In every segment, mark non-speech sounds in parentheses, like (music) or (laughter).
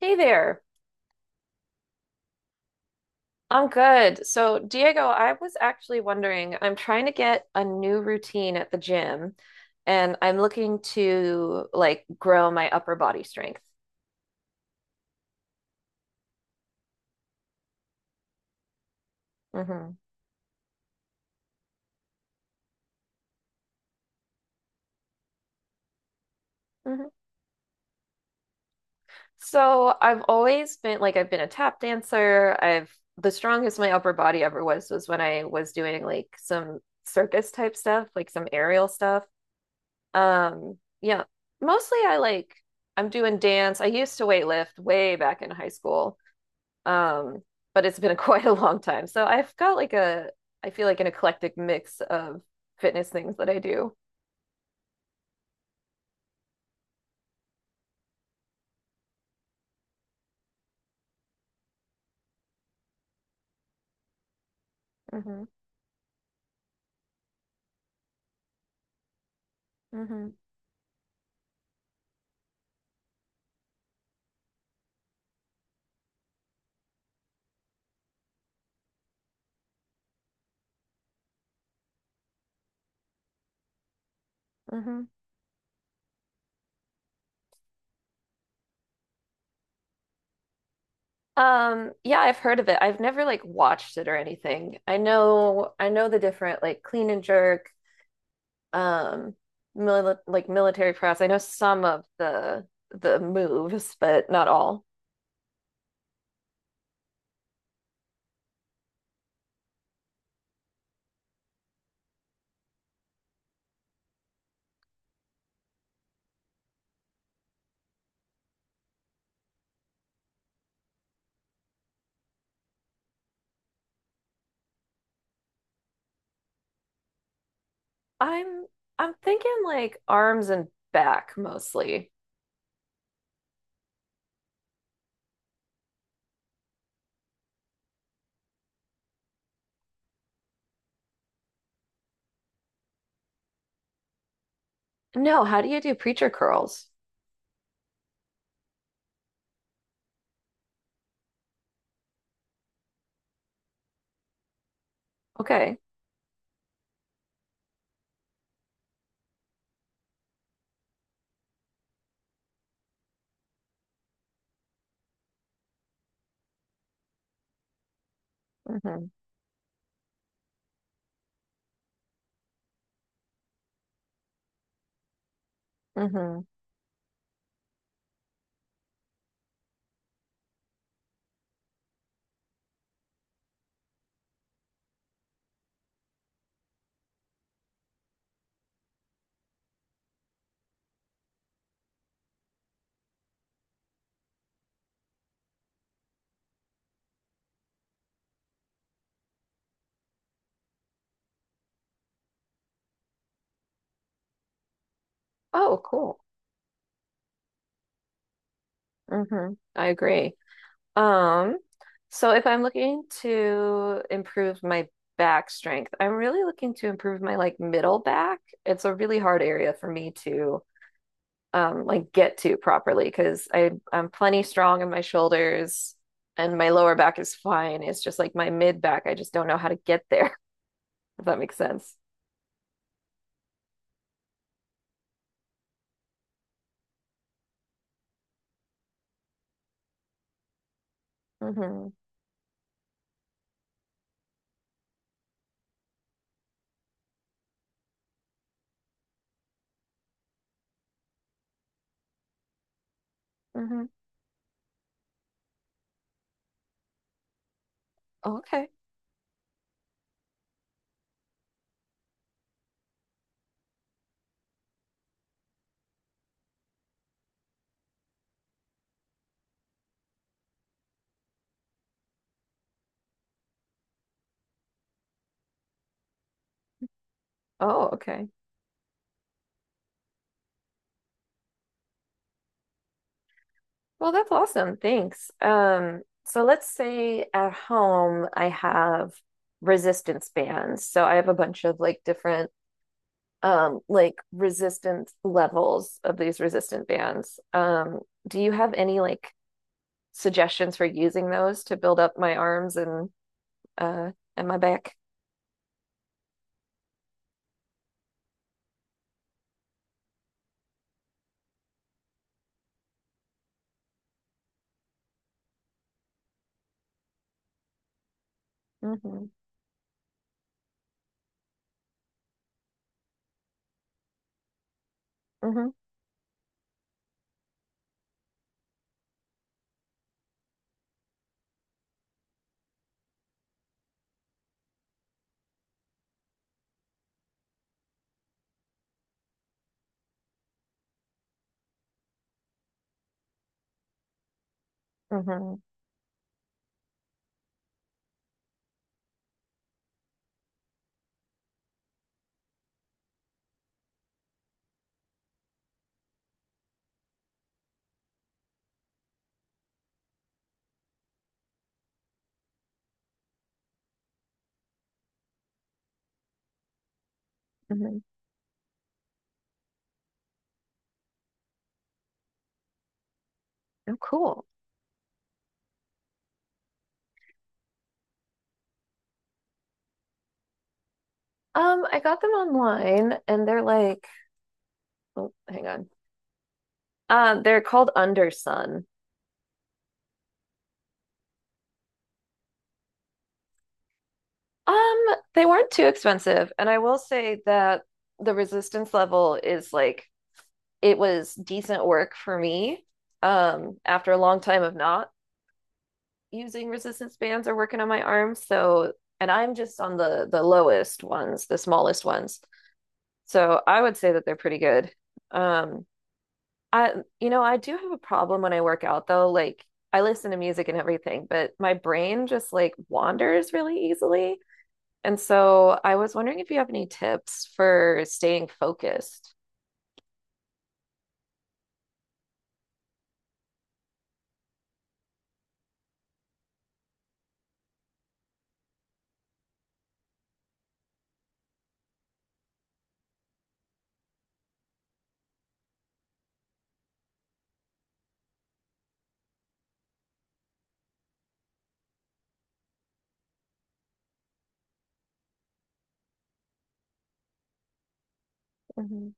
Hey there. I'm good. So, Diego, I was actually wondering, I'm trying to get a new routine at the gym and I'm looking to like grow my upper body strength. hmm hmm So, I've been a tap dancer. I've The strongest my upper body ever was when I was doing like some circus type stuff, like some aerial stuff. Yeah. Mostly I'm doing dance. I used to weight lift way back in high school. Um, but it's been (laughs) quite a long time. So I've got I feel like an eclectic mix of fitness things that I do. hmm hmm hmm yeah, I've heard of it. I've never like watched it or anything. I know the different like clean and jerk, um, mili like military press. I know some of the moves, but not all. I'm I'm thinking like arms and back mostly. No, how do you do preacher curls? Okay. Mm-hmm. hmm Oh, cool. hmm I agree. Um, so if I'm looking to improve my back strength, I'm really looking to improve my like middle back. It's a really hard area for me to like get to properly because I'm plenty strong in my shoulders and my lower back is fine. It's just like my mid back. I just don't know how to get there, (laughs) if that makes sense. Hmm hmm Okay. Oh, okay. Well, that's awesome. Thanks. So let's say at home I have resistance bands. So I have a bunch of like different like resistance levels of these resistant bands. Do you have any like suggestions for using those to build up my arms uh and my back? Mm-hmm. Mm-hmm. Mm-hmm. Mm-hmm. Oh, cool. I got them online and they're like, oh, hang on. They're called Undersun. Um, they weren't too expensive, and I will say that the resistance level is it was decent work for me. After a long time of not using resistance bands or working on my arms, so and I'm just on the lowest ones, the smallest ones. So I would say that they're pretty good. Um, I You know, I do have a problem when I work out though, like I listen to music and everything, but my brain just like wanders really easily. And so I was wondering if you have any tips for staying focused. Hmm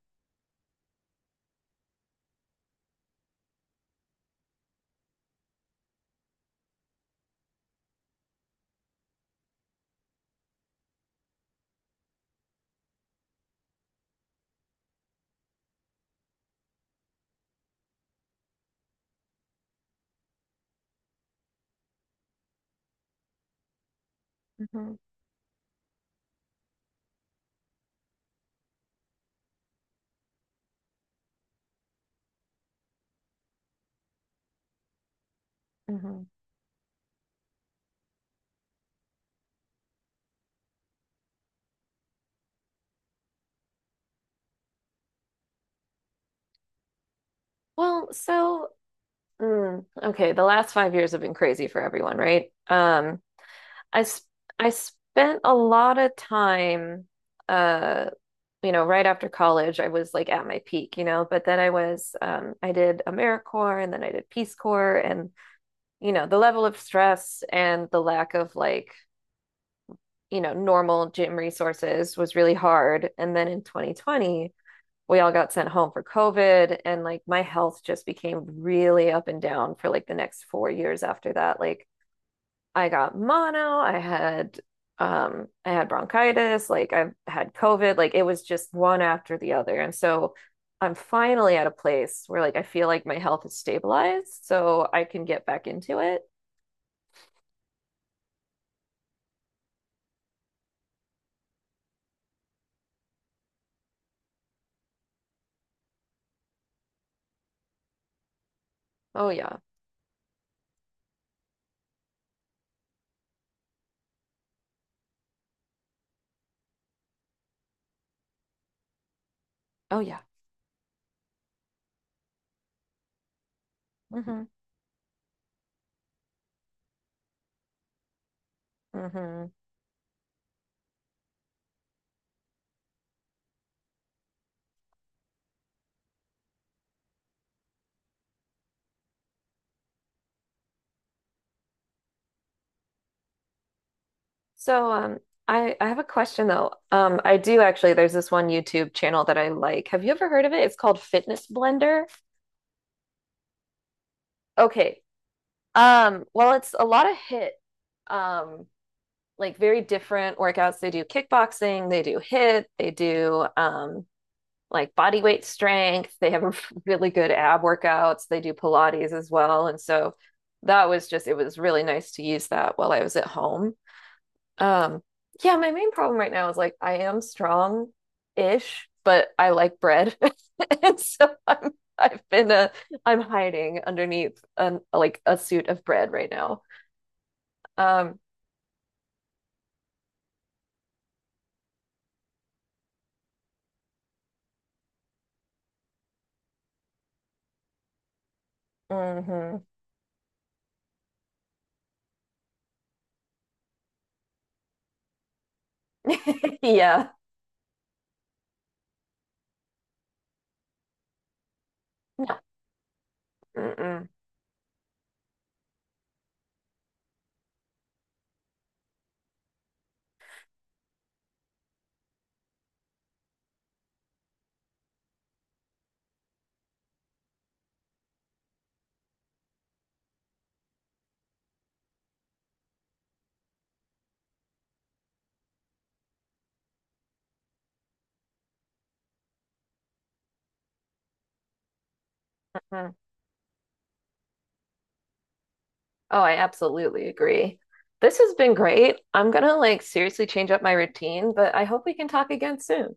hmm hmm Well, so okay, the last 5 years have been crazy for everyone, right? I sp I spent a lot of time, uh, you know, right after college, I was like at my peak, you know, but then I did AmeriCorps and then I did Peace Corps, and you know, the level of stress and the lack of normal gym resources was really hard. And then in 2020, we all got sent home for COVID and like my health just became really up and down for like the next 4 years after that. Like I got mono, I had bronchitis, like I had COVID, like it was just one after the other. And so I'm finally at a place where like I feel like my health is stabilized, so I can get back into it. Oh yeah. Oh yeah. Mm-hmm. Mm-hmm. So um I have a question though. I do actually there's this one YouTube channel that I like. Have you ever heard of it? It's called Fitness Blender. Okay. Well it's a lot of hit um like very different workouts. They do kickboxing, they do hit, they do like body weight strength. They have (laughs) really good ab workouts. They do Pilates as well. And so that was just it was really nice to use that while I was at home. Um, yeah, my main problem right now is like I am strong-ish, but I like bread. (laughs) And so I'm I've been I'm hiding underneath an like a suit of bread right now. Um, mhm. (laughs) Yeah. No. Mm-mm. Mm. Oh, I absolutely agree. This has been great. I'm gonna like seriously change up my routine, but I hope we can talk again soon.